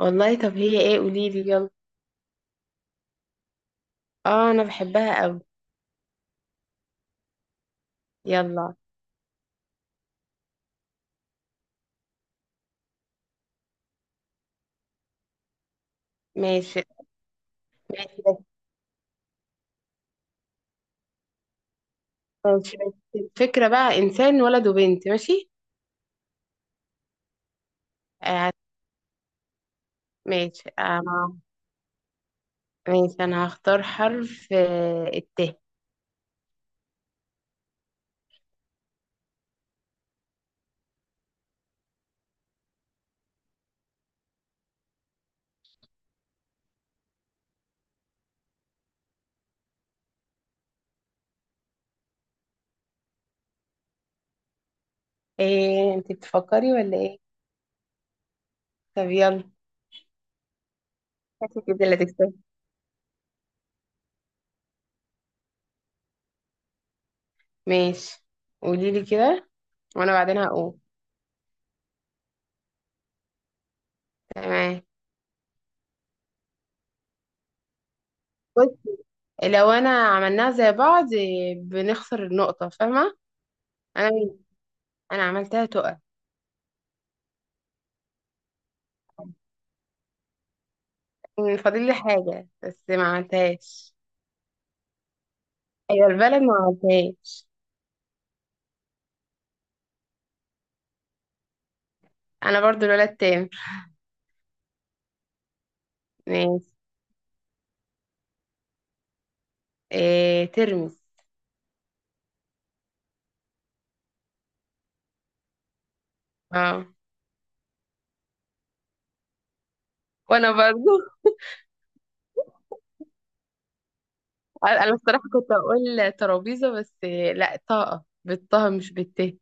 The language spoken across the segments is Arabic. والله، طب هي ايه؟ قولي لي، يلا. اه، انا بحبها قوي. يلا. ماشي ماشي بس. ماشي بس الفكرة بقى انسان ولد وبنت، ماشي. آه، ماشي. آه، ماشي، انا هختار حرف ايه؟ انت بتفكري ولا ايه؟ طب يلا. شكلك كده اللي هتكسبي. ماشي، قولي لي كده وانا بعدين هقول. تمام. بص، لو انا عملناها زي بعض بنخسر النقطة، فاهمة؟ انا انا عملتها تقع. فاضل لي حاجة بس ما عملتهاش. أيوة، البلد ما عملتهاش. أنا برضو الولد تاني. ماشي. إيه؟ ترمس. اه، وأنا برضو. أنا الصراحة كنت أقول ترابيزة بس إيه، لا، طاقة بالطه مش بالت.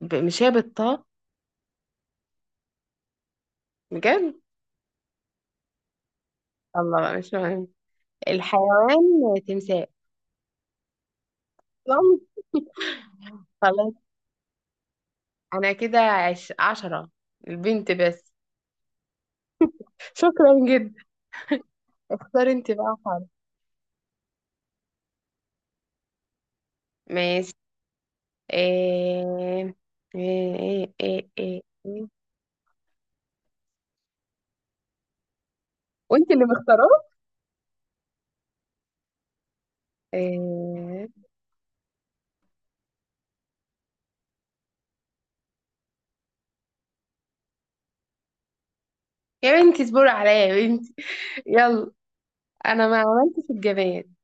مش هي بالطه؟ بجد؟ الله بقى، مش مهم. الحيوان تمساح. طب، خلاص، أنا كده عشرة، البنت بس. شكرا جدا، اختار انت بقى حاجة. ماشي. إيه؟ إيه إيه إيه إيه وانت اللي مختاراه؟ إيه؟ يا بنتي اصبري عليا، يا بنتي. يلا، أنا ما عملتش الجماد.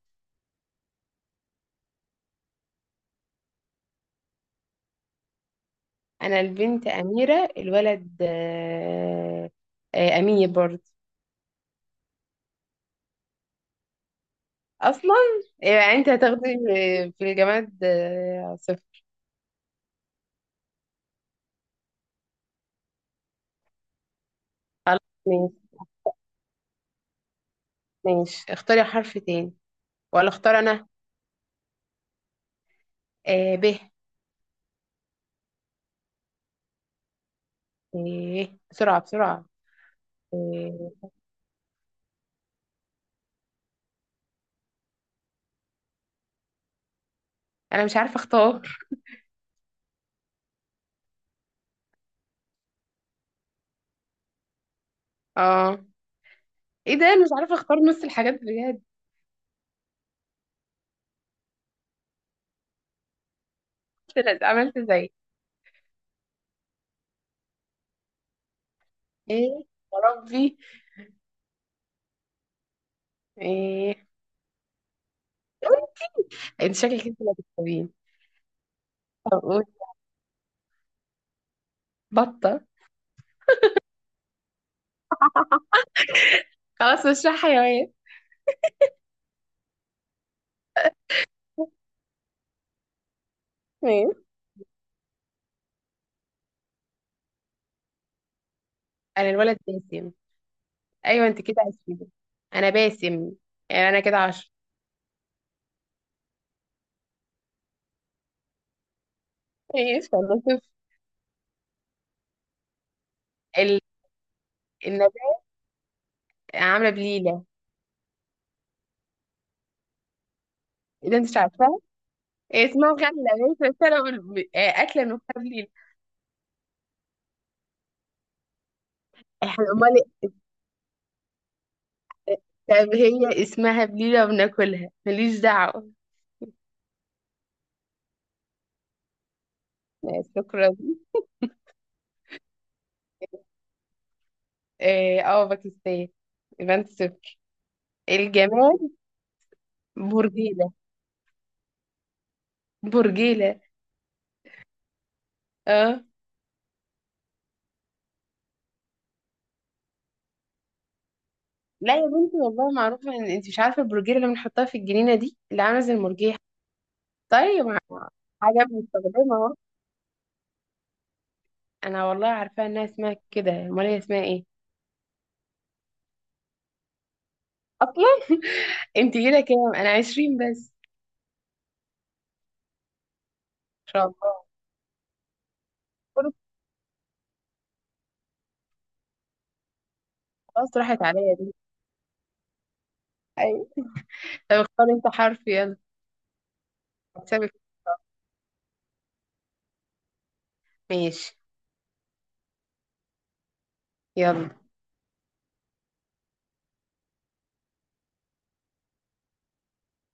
أنا البنت أميرة، الولد آه، أمير برضه. أصلا يعني أنت هتاخدي في الجماد صفر. خلاص ماشي. ماشي، اختاري حرف تاني ولا اختار أنا؟ آه، ب. إيه، بسرعة بسرعة. إيه، أنا مش عارفة اختار. اه، ايه ده، انا مش عارفة اختار نص الحاجات بجد. طلعت عملت زي. ايه، يا ربي. ايه؟ إيه؟ انت شكلك انت اللي هتكتبين. طب قول. بطة. خلاص مش رايحة حيوان. ماشي. انا الولد باسم. ايوه، انت كده عشرين. انا باسم، يعني انا كده عشرة. ايش، انا صفر. ال- النبات عاملة بليلة. ايه ده، انت مش عارفاها؟ إيه؟ اسمها غلة؟ ماشي، بس انا بقول اكلة نفسها بليلة. احنا امال؟ طب هي اسمها بليلة وبناكلها، ماليش دعوة. آه، شكرا. باكستان. يبقى انت صفر. الجمال. برجيلة. برجيلة. اه. لا يا بنتي، والله معروفة، ان انت مش عارفة البرجيلة اللي بنحطها في الجنينة دي اللي عاملة زي المرجيحة. طيب، حاجة بنستخدمها اهو. انا والله عارفاها انها اسمها كده، امال هي اسمها ايه اصلا؟ انت كده كام؟ انا عشرين بس. ان شاء الله. كل. خلاص، راحت عليا دي. ايوه. طب اختار انت حرف، يلا، هكسبك. ماشي، يلا.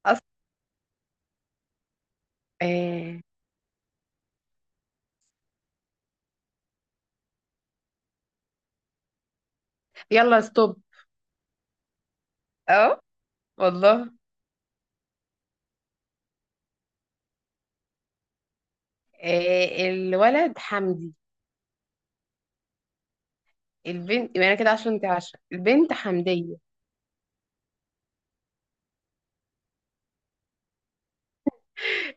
أص... آه. يلا، ستوب. اهو، والله. آه، الولد حمدي. البنت، يبقى انا كده عشرة، انت عشرة، البنت حمدية.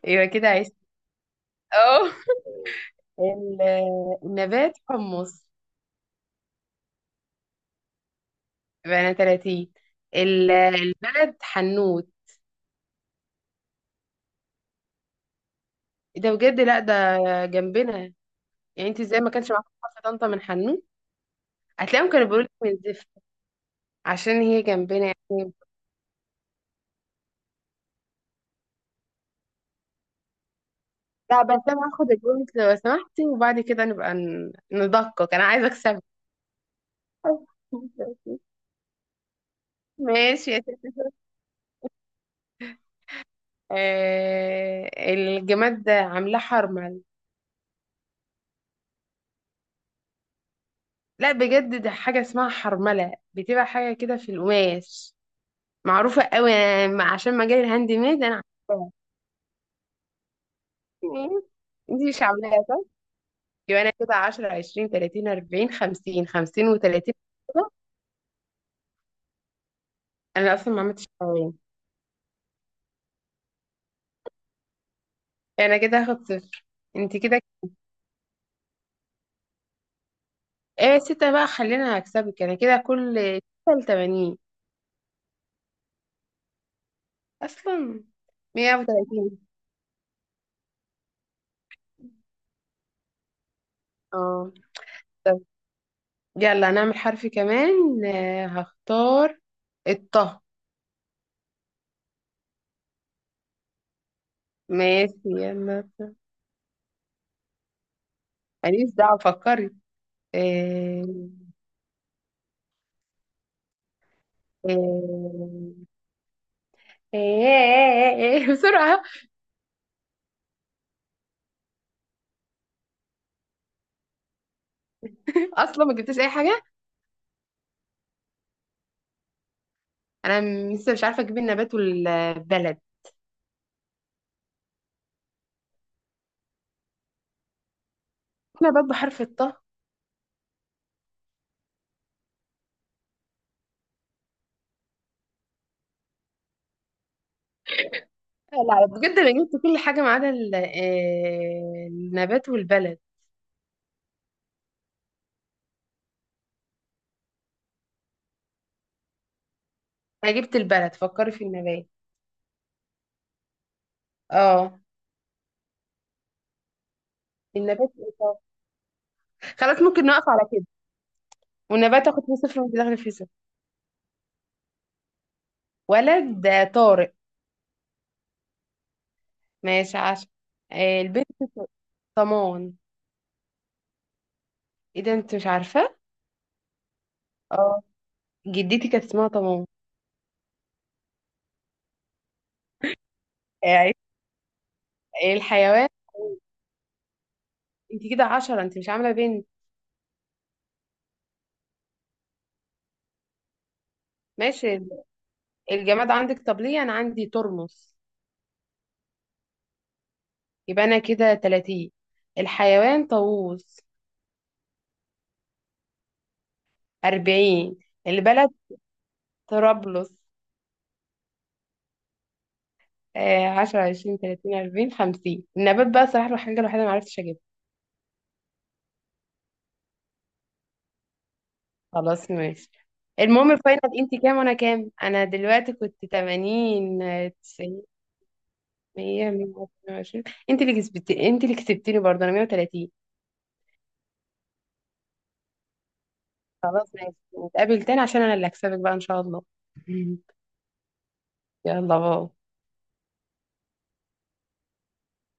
يبقى كده عشت. اه. النبات حمص. يبقى انا 30. الولد حنوت. إيه ده بجد؟ لا ده جنبنا يعني، انت ازاي ما كانش معاكم حرف طنطا من حنوت؟ هتلاقيهم كانوا بيقولوا لك من زفت، عشان هي جنبنا يعني. لا بس انا هاخد البوينت لو سمحتي وبعد كده نبقى ندقق، انا عايزه اكسب. ماشي يا. آه، الجماد ده عاملاه حرمل. لا بجد، ده حاجة اسمها حرملة، بتبقى حاجة كده في القماش، معروفة قوي عشان مجال الهاند ميد أنا، عارفاها. انتي مش عاملاها صح؟ يبقى أنا كده 10، 20، 30، 40، 50، و30. أنا أصلا ما عملتش حاجة. أنا كده هاخد صفر. انتي كده، ايه، ستة بقى، خلينا هكسبك أنا كده. كل ستة لتمانين. أصلا. مية وتلاتين. اه. يلا، هنعمل حرف كمان. هختار الطه. ماشي يلا. ماليش دعوة، فكري. آه، آه، آه، بسرعة. أصلا ما جبتش أي حاجة. أنا لسه مش عارفة أجيب النبات والبلد. نبات بحرف الطه. لا بجد أنا جبت كل حاجة ما عدا النبات والبلد. أنا جبت البلد، فكري في النبات. اه، النبات إيه طب؟ خلاص، ممكن نقف على كده. والنبات آخد فيه صفر، وأنت داخل فيه صفر. ولد طارق. ماشي عشان. آه، البنت طمان. ايه ده، انت مش عارفة؟ اه، جدتي كانت اسمها طمان. آه، الحيوان. انت كده عشرة، انت مش عاملة بنت. ماشي. الجماد عندك؟ طب ليه، انا عندي ترمس. يبقى انا كده تلاتين. الحيوان طاووس. اربعين. البلد طرابلس. آه، عشرة، عشرين، تلاتين، أربعين، خمسين. النبات بقى صراحة الحاجة الوحيدة معرفتش أجيبها. خلاص ماشي. المهم الفاينل، انت كام وانا كام؟ انا دلوقتي كنت 80، 90، 100، 120. انت اللي كسبتي، انت اللي كسبتيني برضه، انا 130. خلاص ماشي، نتقابل تاني عشان انا اللي هكسبك بقى ان شاء الله. يلا، باي.